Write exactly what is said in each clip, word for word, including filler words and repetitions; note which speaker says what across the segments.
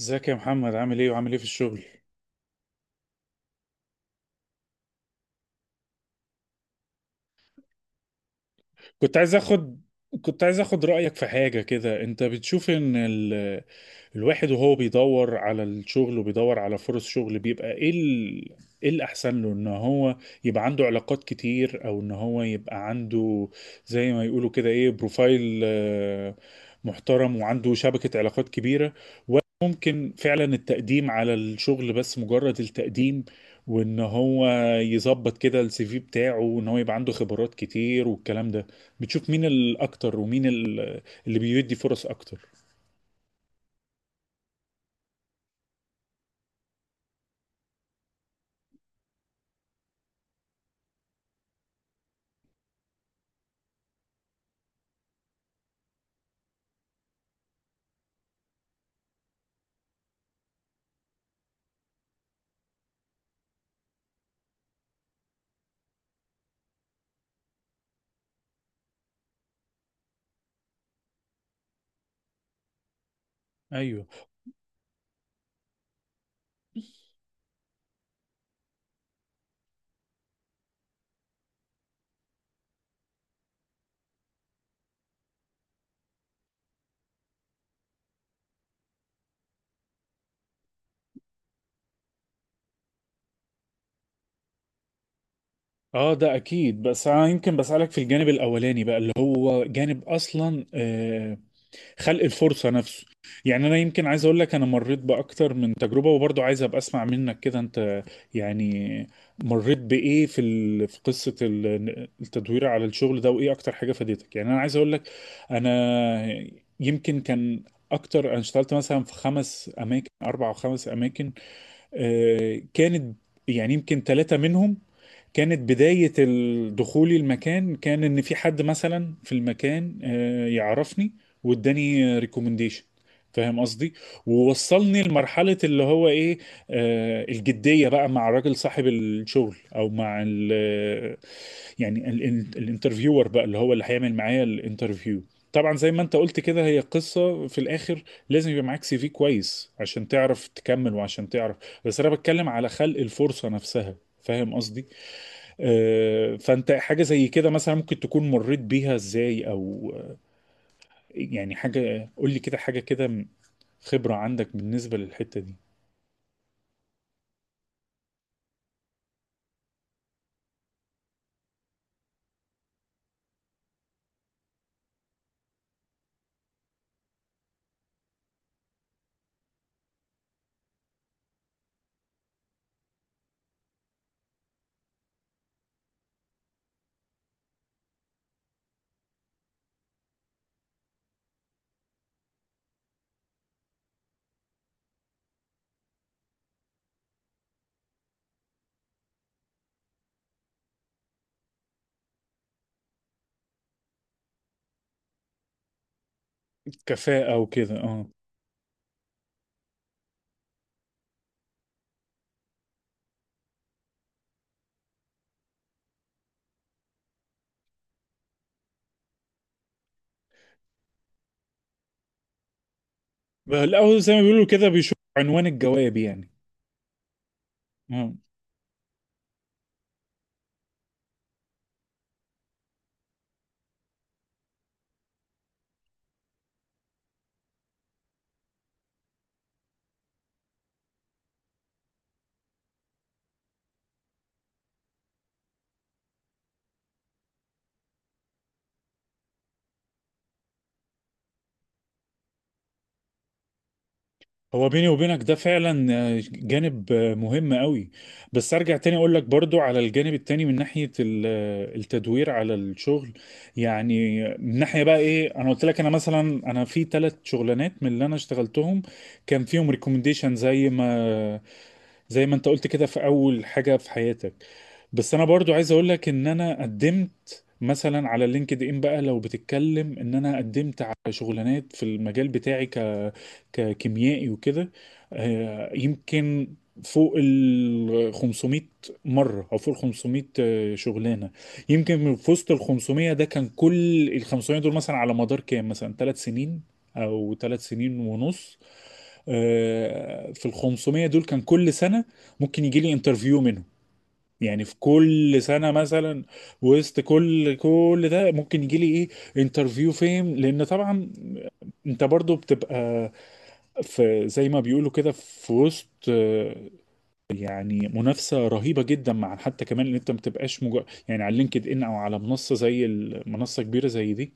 Speaker 1: ازيك يا محمد، عامل ايه وعامل ايه في الشغل؟ كنت عايز اخد كنت عايز اخد رأيك في حاجة كده. انت بتشوف ان ال... الواحد وهو بيدور على الشغل وبيدور على فرص شغل بيبقى ايه ال... ايه الاحسن له؟ ان هو يبقى عنده علاقات كتير، او ان هو يبقى عنده زي ما يقولوا كده ايه، بروفايل آه، محترم وعنده شبكة علاقات كبيرة، ولا ممكن فعلا التقديم على الشغل، بس مجرد التقديم وان هو يظبط كده السي في بتاعه وان هو يبقى عنده خبرات كتير والكلام ده. بتشوف مين الاكتر ومين ال- اللي بيدي فرص اكتر؟ ايوه. اه ده اكيد، بس انا يمكن بسألك في الجانب الاولاني بقى اللي هو جانب اصلا آه، خلق الفرصة نفسه. يعني انا يمكن عايز اقول لك، انا مريت باكتر من تجربة وبرضه عايز ابقى اسمع منك كده. انت يعني مريت بايه في ال... في قصة ال- التدوير على الشغل ده؟ وايه اكتر حاجة فادتك؟ يعني انا عايز اقول لك، انا يمكن كان اكتر، انا اشتغلت مثلا في خمس اماكن، اربع او خمس اماكن. آه، كانت يعني يمكن ثلاثة منهم كانت بداية ال- دخولي المكان، كان ان في حد مثلا في المكان آه، يعرفني واداني ريكومنديشن. فاهم قصدي؟ ووصلني لمرحلة اللي هو ايه، آه الجدية بقى مع الراجل صاحب الشغل، او مع ال يعني ال- ال- الانترفيور بقى اللي هو اللي هيعمل معايا الانترفيو. طبعا زي ما انت قلت كده، هي قصة في الاخر لازم يبقى معاك سي في كويس عشان تعرف تكمل وعشان تعرف. بس انا بتكلم على خلق الفرصة نفسها. فاهم قصدي؟ آه، فانت حاجه زي كده مثلا ممكن تكون مريت بيها ازاي؟ او آه، يعني حاجه قول لي كده، حاجه كده، خبره عندك بالنسبه للحته دي. كفاءه وكده، اه. الاول زي ما بيقولوا كده بيشوف عنوان الجواب، يعني. هو بيني وبينك ده فعلا آه، جانب آه، مهم قوي. بس ارجع تاني اقول لك برضو على الجانب التاني، من ناحية ال- آه، التدوير على الشغل. يعني من ناحية بقى ايه، انا قلت لك انا مثلا، انا في ثلاث شغلانات من اللي انا اشتغلتهم كان فيهم ريكومنديشن، زي ما زي ما انت قلت كده في اول حاجة في حياتك. بس انا برضو عايز اقول لك ان انا قدمت مثلا على لينكد ان. بقى لو بتتكلم ان انا قدمت على شغلانات في المجال بتاعي ك ككيميائي وكده، آه، يمكن فوق ال خمسمية مرة، او فوق ال خمسمية آه، شغلانة. يمكن من في وسط ال خمسمية ده كان كل ال خمسمية دول مثلا على مدار كام، مثلا ثلاث سنين او ثلاث سنين ونص. آه، في ال خمسمية دول كان كل سنة ممكن يجي لي انترفيو، يعني في كل سنة مثلا. وسط كل كل ده ممكن يجي لي ايه، انترفيو فين؟ لان طبعا انت برضو بتبقى في، زي ما بيقولوا كده، في وسط يعني منافسة رهيبة جدا، مع حتى كمان ان انت ما بتبقاش مجرد يعني على لينكد ان او على منصة زي المنصة كبيرة زي دي.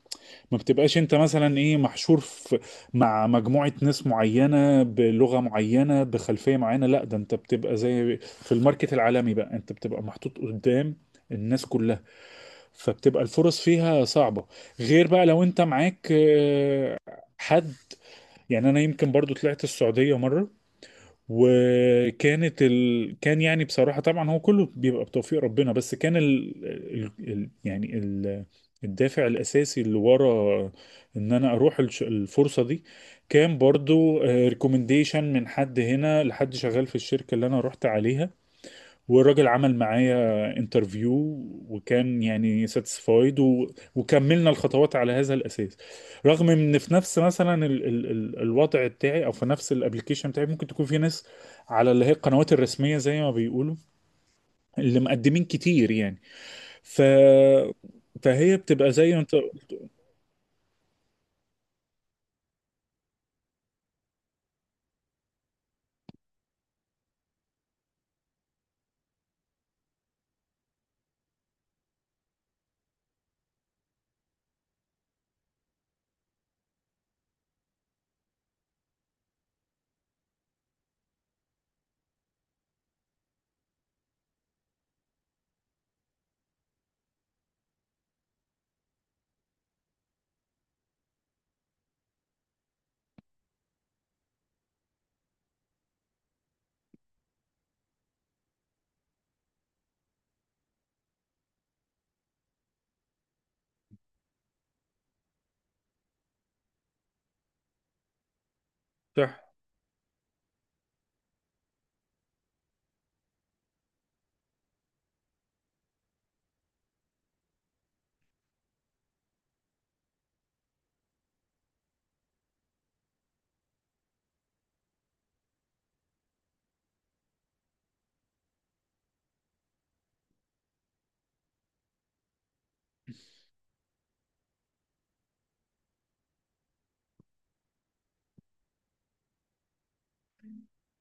Speaker 1: ما بتبقاش انت مثلا ايه، محشور في مع مجموعة ناس معينة بلغة معينة بخلفية معينة. لا، ده انت بتبقى زي في الماركت العالمي بقى، انت بتبقى محطوط قدام الناس كلها. فبتبقى الفرص فيها صعبة، غير بقى لو انت معاك آه، حد. يعني انا يمكن برضو طلعت السعودية مرة، وكانت ال... كان يعني بصراحة طبعا هو كله بيبقى بتوفيق ربنا، بس كان ال... ال... ال... يعني ال... الدافع الأساسي اللي ورا إن أنا أروح الش... الفرصة دي كان برضو ريكومنديشن من حد هنا لحد شغال في الشركة اللي أنا رحت عليها. والراجل عمل معايا انترفيو، وكان يعني ساتسفايد، و... وكملنا الخطوات على هذا الاساس. رغم ان في نفس مثلا ال... ال... ال... الوضع بتاعي، او في نفس الابلكيشن بتاعي، ممكن تكون في ناس على اللي هي القنوات الرسميه زي ما بيقولوا اللي مقدمين كتير يعني. ف فهي بتبقى زي ما انت قلت- صح.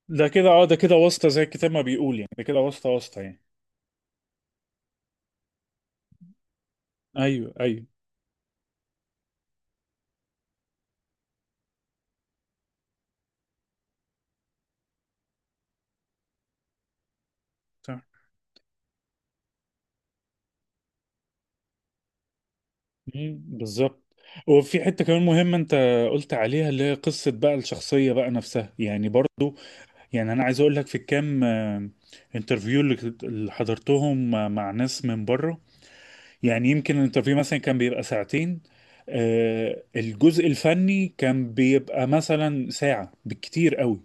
Speaker 1: ده كده اه، ده كده واسطه زي الكتاب ما بيقول، يعني ده كده واسطه واسطه يعني. ايوه، ايوه. مم، بالظبط. وفي حتة كمان مهمة انت قلت عليها، اللي هي قصة بقى الشخصية بقى نفسها يعني، برضو يعني انا عايز اقول لك في الكام آه، انترفيو اللي كنت- اللي حضرتهم مع مع ناس من بره. يعني يمكن الانترفيو مثلا كان بيبقى ساعتين. آه، الجزء الفني كان بيبقى مثلا ساعة بالكتير قوي،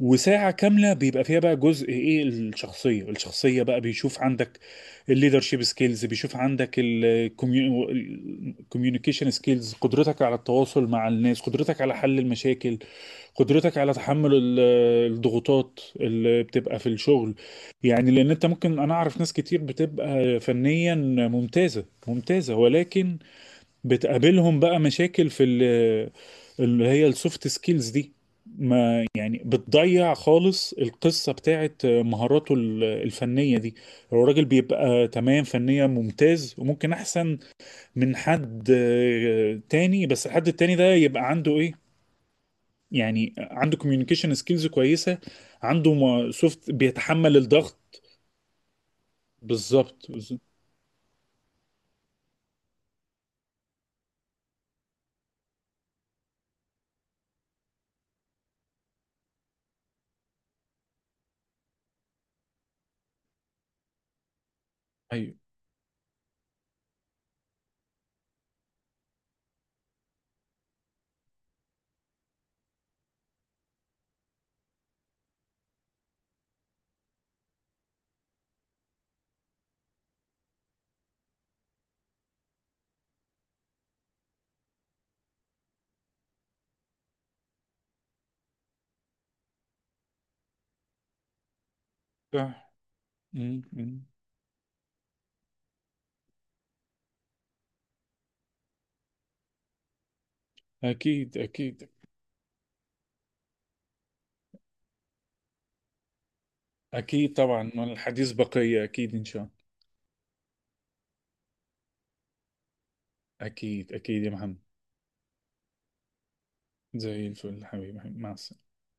Speaker 1: وساعة كاملة بيبقى فيها بقى جزء ايه، الشخصية. الشخصية بقى بيشوف عندك الليدرشيب سكيلز، بيشوف عندك الكوميونيكيشن سكيلز، قدرتك على التواصل مع الناس، قدرتك على حل المشاكل، قدرتك على تحمل ال- الضغوطات اللي بتبقى في الشغل. يعني لان انت ممكن، انا اعرف ناس كتير بتبقى فنيا ممتازة ممتازة، ولكن بتقابلهم بقى مشاكل في ال- اللي هي السوفت سكيلز دي. ما يعني بتضيع خالص القصة بتاعت مهاراته ال- الفنية دي. هو الراجل بيبقى تمام فنيا، ممتاز، وممكن أحسن من حد آه، تاني. بس الحد التاني ده يبقى عنده إيه، يعني عنده كوميونيكيشن سكيلز كويسة، عنده سوفت، بيتحمل الضغط. بالظبط، بالظبط. أيوه. صح. م- م. أكيد أكيد. أكيد طبعا، والحديث بقية أكيد إن شاء الله. أكيد أكيد يا محمد. زي الفل حبيبي. مع السلامة.